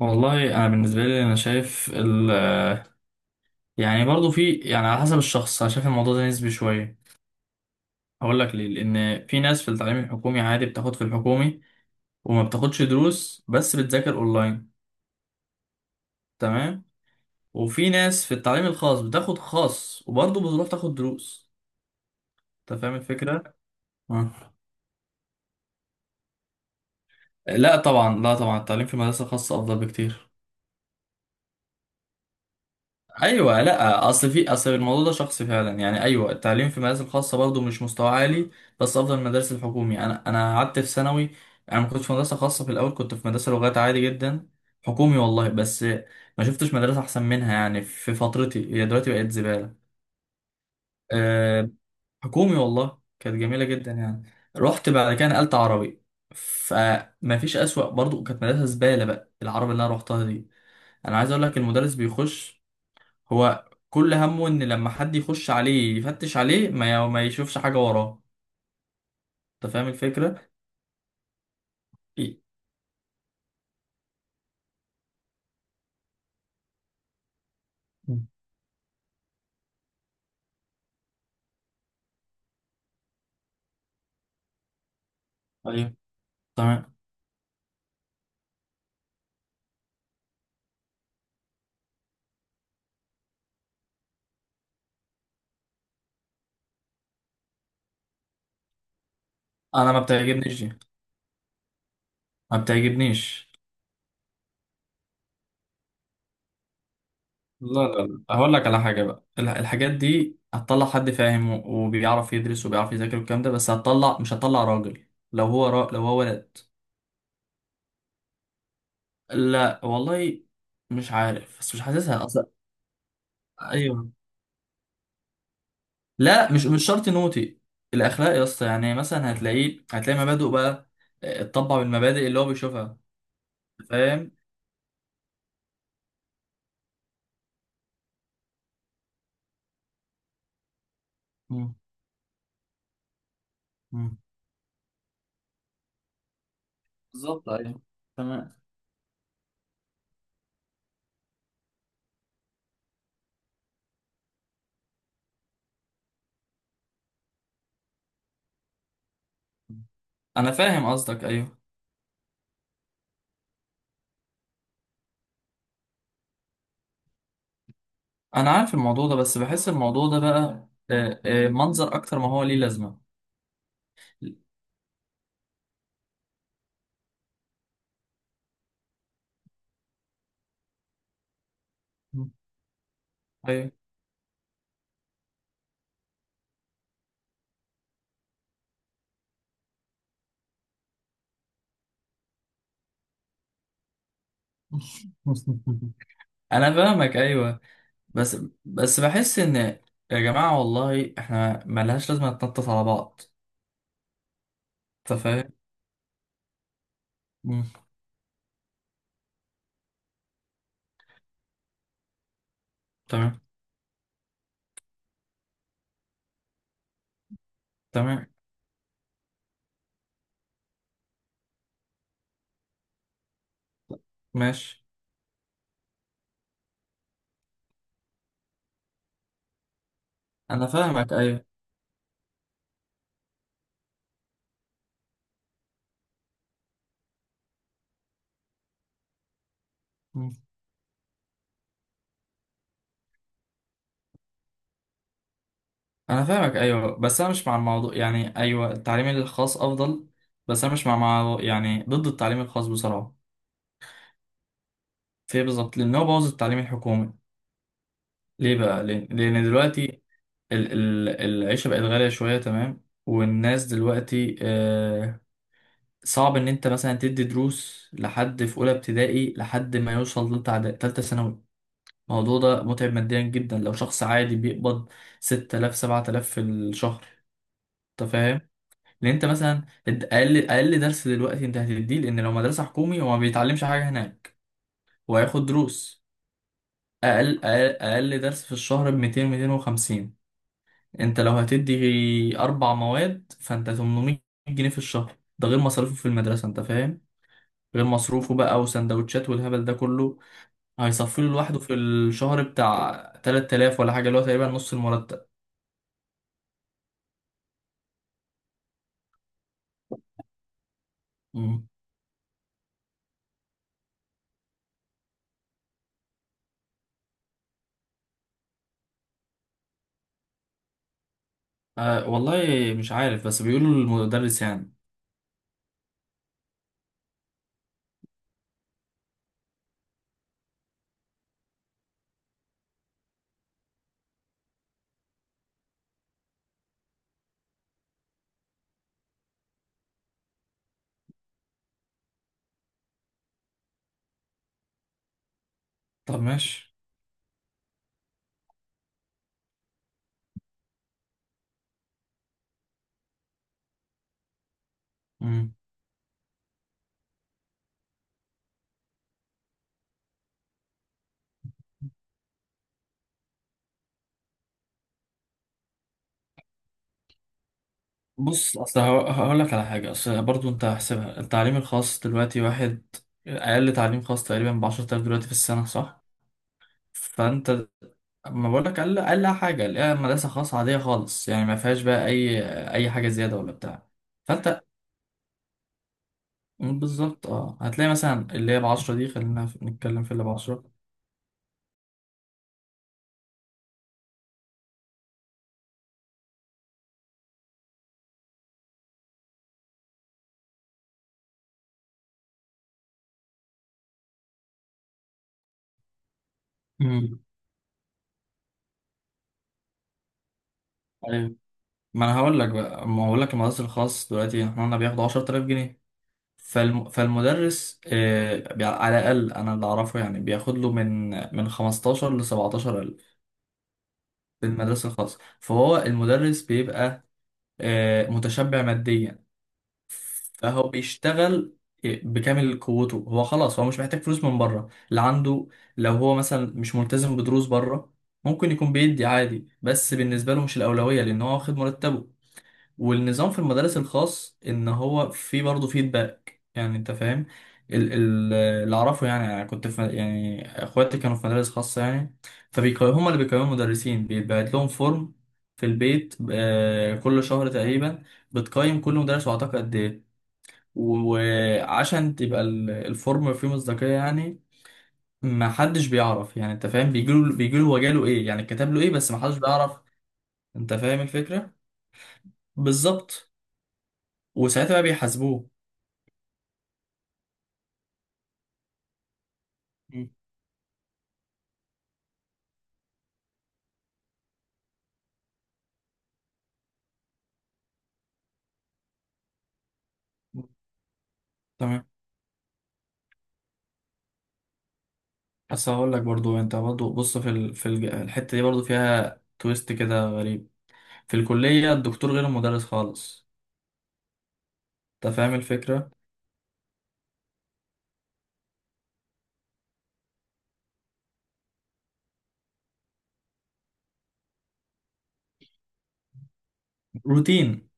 والله انا بالنسبه لي انا شايف يعني برضو في يعني على حسب الشخص، انا شايف الموضوع ده نسبي شويه. هقول لك ليه. لان في ناس في التعليم الحكومي عادي بتاخد في الحكومي وما بتاخدش دروس بس بتذاكر اونلاين، تمام؟ وفي ناس في التعليم الخاص بتاخد خاص وبرضه بتروح تاخد دروس. انت فاهم الفكره؟ آه. لا طبعا، لا طبعا، التعليم في مدرسه خاصه افضل بكتير. ايوه لا، اصل في اصل الموضوع ده شخصي فعلا. يعني ايوه التعليم في المدارس الخاصه برضه مش مستوى عالي بس افضل من المدارس الحكومي. انا قعدت في ثانوي. انا ما كنتش في مدرسه خاصه، في الاول كنت في مدرسه لغات عادي جدا، حكومي والله. بس ما شفتش مدرسه احسن منها يعني في فترتي. هي دلوقتي بقت زباله. أه، حكومي والله، كانت جميله جدا يعني. رحت بعد كده نقلت عربي، فما فيش اسوأ. برضه كانت مدرسه زباله بقى العربي اللي انا رحتها دي. انا عايز اقول لك، المدرس بيخش، هو كل همه ان لما حد يخش عليه يفتش عليه ما يشوفش حاجه وراه. انت فاهم الفكره؟ إيه؟ ايوه، تمام. انا ما بتعجبنيش دي، ما بتعجبنيش. لا لا لا، هقول لك على حاجه بقى. الحاجات دي هتطلع حد فاهم وبيعرف يدرس وبيعرف يذاكر والكلام ده، بس هتطلع مش هتطلع راجل لو هو ولد. لا والله مش عارف بس مش حاسسها اصلا. ايوه. لا مش شرط نوتي. الاخلاق يا اسطى. يعني مثلا هتلاقيه، هتلاقي مبادئه بقى، اتطبع بالمبادئ اللي هو بيشوفها. فاهم. مم. مم. بالظبط ايوه. تمام. مم. انا فاهم قصدك ايوه. انا عارف الموضوع ده بس بحس الموضوع ده بقى منظر اكتر ما هو ليه لازمه. مم. ايوه. انا فاهمك ايوه. بس بس بحس ان يا جماعه والله احنا ملهاش لازمه نتنطط على بعض. انت فاهم. مم. تمام. تمام. ماشي. انا فاهمك ايوه. مم. انا فاهمك ايوه بس انا مش مع الموضوع. يعني ايوه التعليم الخاص افضل بس انا مش مع يعني ضد التعليم الخاص بصراحه. في إيه بالظبط؟ لان هو بوظ التعليم الحكومي. ليه بقى؟ لأن دلوقتي ال ال العيشه بقت غاليه شويه، تمام؟ والناس دلوقتي صعب ان انت مثلا تدي دروس لحد في اولى ابتدائي لحد ما يوصل لتالتة ثانوي. الموضوع ده متعب ماديا جدا لو شخص عادي بيقبض 6000 7000 في الشهر. انت فاهم؟ لان انت مثلا، انت اقل درس دلوقتي انت هتديه. لان لو مدرسه حكومي هو ما بيتعلمش حاجه هناك وهياخد دروس. أقل درس في الشهر ب 200 250. انت لو هتدي اربع مواد فانت 800 جنيه في الشهر. ده غير مصاريفه في المدرسه، انت فاهم؟ غير مصروفه بقى وسندوتشات والهبل ده كله. هيصفي له لوحده في الشهر بتاع 3000 ولا حاجه، اللي هو تقريبا نص المرتب. مم. أه والله مش عارف بس بيقولوا المدرس يعني. طب ماشي. مم. بص اصل هقول لك على حاجه. اصل برضو انت هحسبها، التعليم الخاص دلوقتي واحد اقل تعليم خاص تقريبا ب 10,000 دلوقتي في السنه، صح؟ فانت، ما بقول لك اقل اقل حاجه الاقيها مدرسه خاصه عاديه خالص يعني ما فيهاش بقى اي اي حاجه زياده ولا بتاع. فانت بالظبط. اه هتلاقي مثلا اللي هي ب 10 دي. خلينا نتكلم في اللي ب 10. امم ايوه. ما انا هقول لك بقى، ما هقول لك المدرسه الخاص دلوقتي احنا قلنا بياخدوا 10,000 جنيه. فالمدرس على الأقل أنا اللي أعرفه يعني بياخد له من من 15 ل 17 ألف في المدرسة الخاصة. فهو المدرس بيبقى آه، متشبع ماديا. فهو بيشتغل آه، بكامل قوته. هو خلاص هو مش محتاج فلوس من بره. اللي عنده، لو هو مثلا مش ملتزم بدروس بره، ممكن يكون بيدي عادي بس بالنسبة له مش الأولوية لأن هو واخد مرتبه. والنظام في المدارس الخاص ان هو في برضه فيدباك، يعني انت فاهم. اللي اعرفه يعني، انا كنت في يعني اخواتي كانوا في مدارس خاصه يعني. فبيقيموا، هم اللي بيقيموا المدرسين. بيتبعت لهم فورم في البيت آه، كل شهر تقريبا. بتقيم كل مدرس وعطاك قد ايه. وعشان تبقى ال- الفورم فيه مصداقيه يعني، ما حدش بيعرف، يعني انت فاهم. بيجيله هو جاله ايه، يعني كتب له ايه، بس ما حدش بيعرف. انت فاهم الفكره؟ بالظبط. وساعتها بقى بيحاسبوه. تمام. بس هقول لك برضو انت برضو، بص في الحته دي برضو فيها تويست كده غريب. في الكليه الدكتور غير المدرس خالص. انت فاهم الفكره؟ روتين.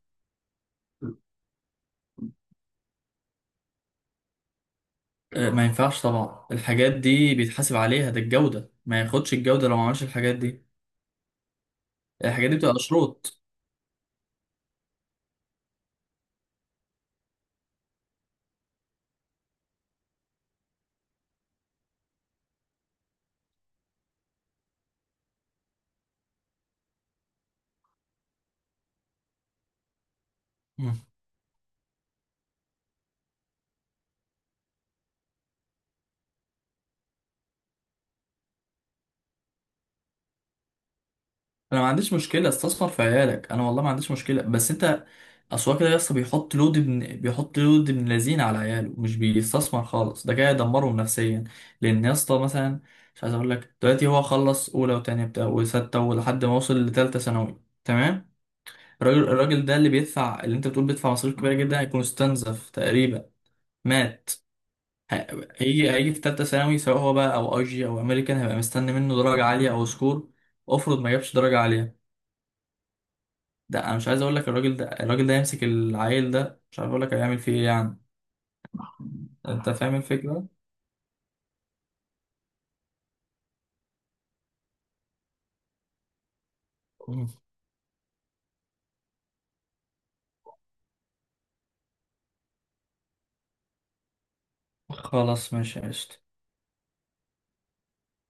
آه، ما ينفعش طبعا. الحاجات دي بيتحاسب عليها، ده الجوده، ما ياخدش الجوده لو ما عملش الحاجات دي. الحاجات دي بتبقى شروط. انا ما عنديش مشكله استثمر في عيالك. انا والله ما عنديش مشكله، بس انت. اصل هو كده يا اسطى، بيحط لود ابن لذين على عياله، مش بيستثمر خالص. ده كده يدمرهم نفسيا. لان يا اسطى مثلا، مش عايز اقول لك، دلوقتي هو خلص اولى وتانية بتاع وستة ولحد ما وصل لتالتة ثانوي، تمام؟ الراجل ده، اللي بيدفع، اللي انت بتقول بيدفع مصاريف كبيره جدا، هيكون استنزف تقريبا، مات. ه- هيجي في تالتة ثانوي سواء هو بقى او اي جي او امريكان. هيبقى مستني منه درجه عاليه او سكور. افرض ما جابش درجه عاليه؟ ده انا مش عايز اقول لك الراجل ده يمسك العيل ده مش عارف اقول لك هيعمل فيه ايه يعني. انت فاهم الفكره؟ مم. خلاص ماشي قشطة.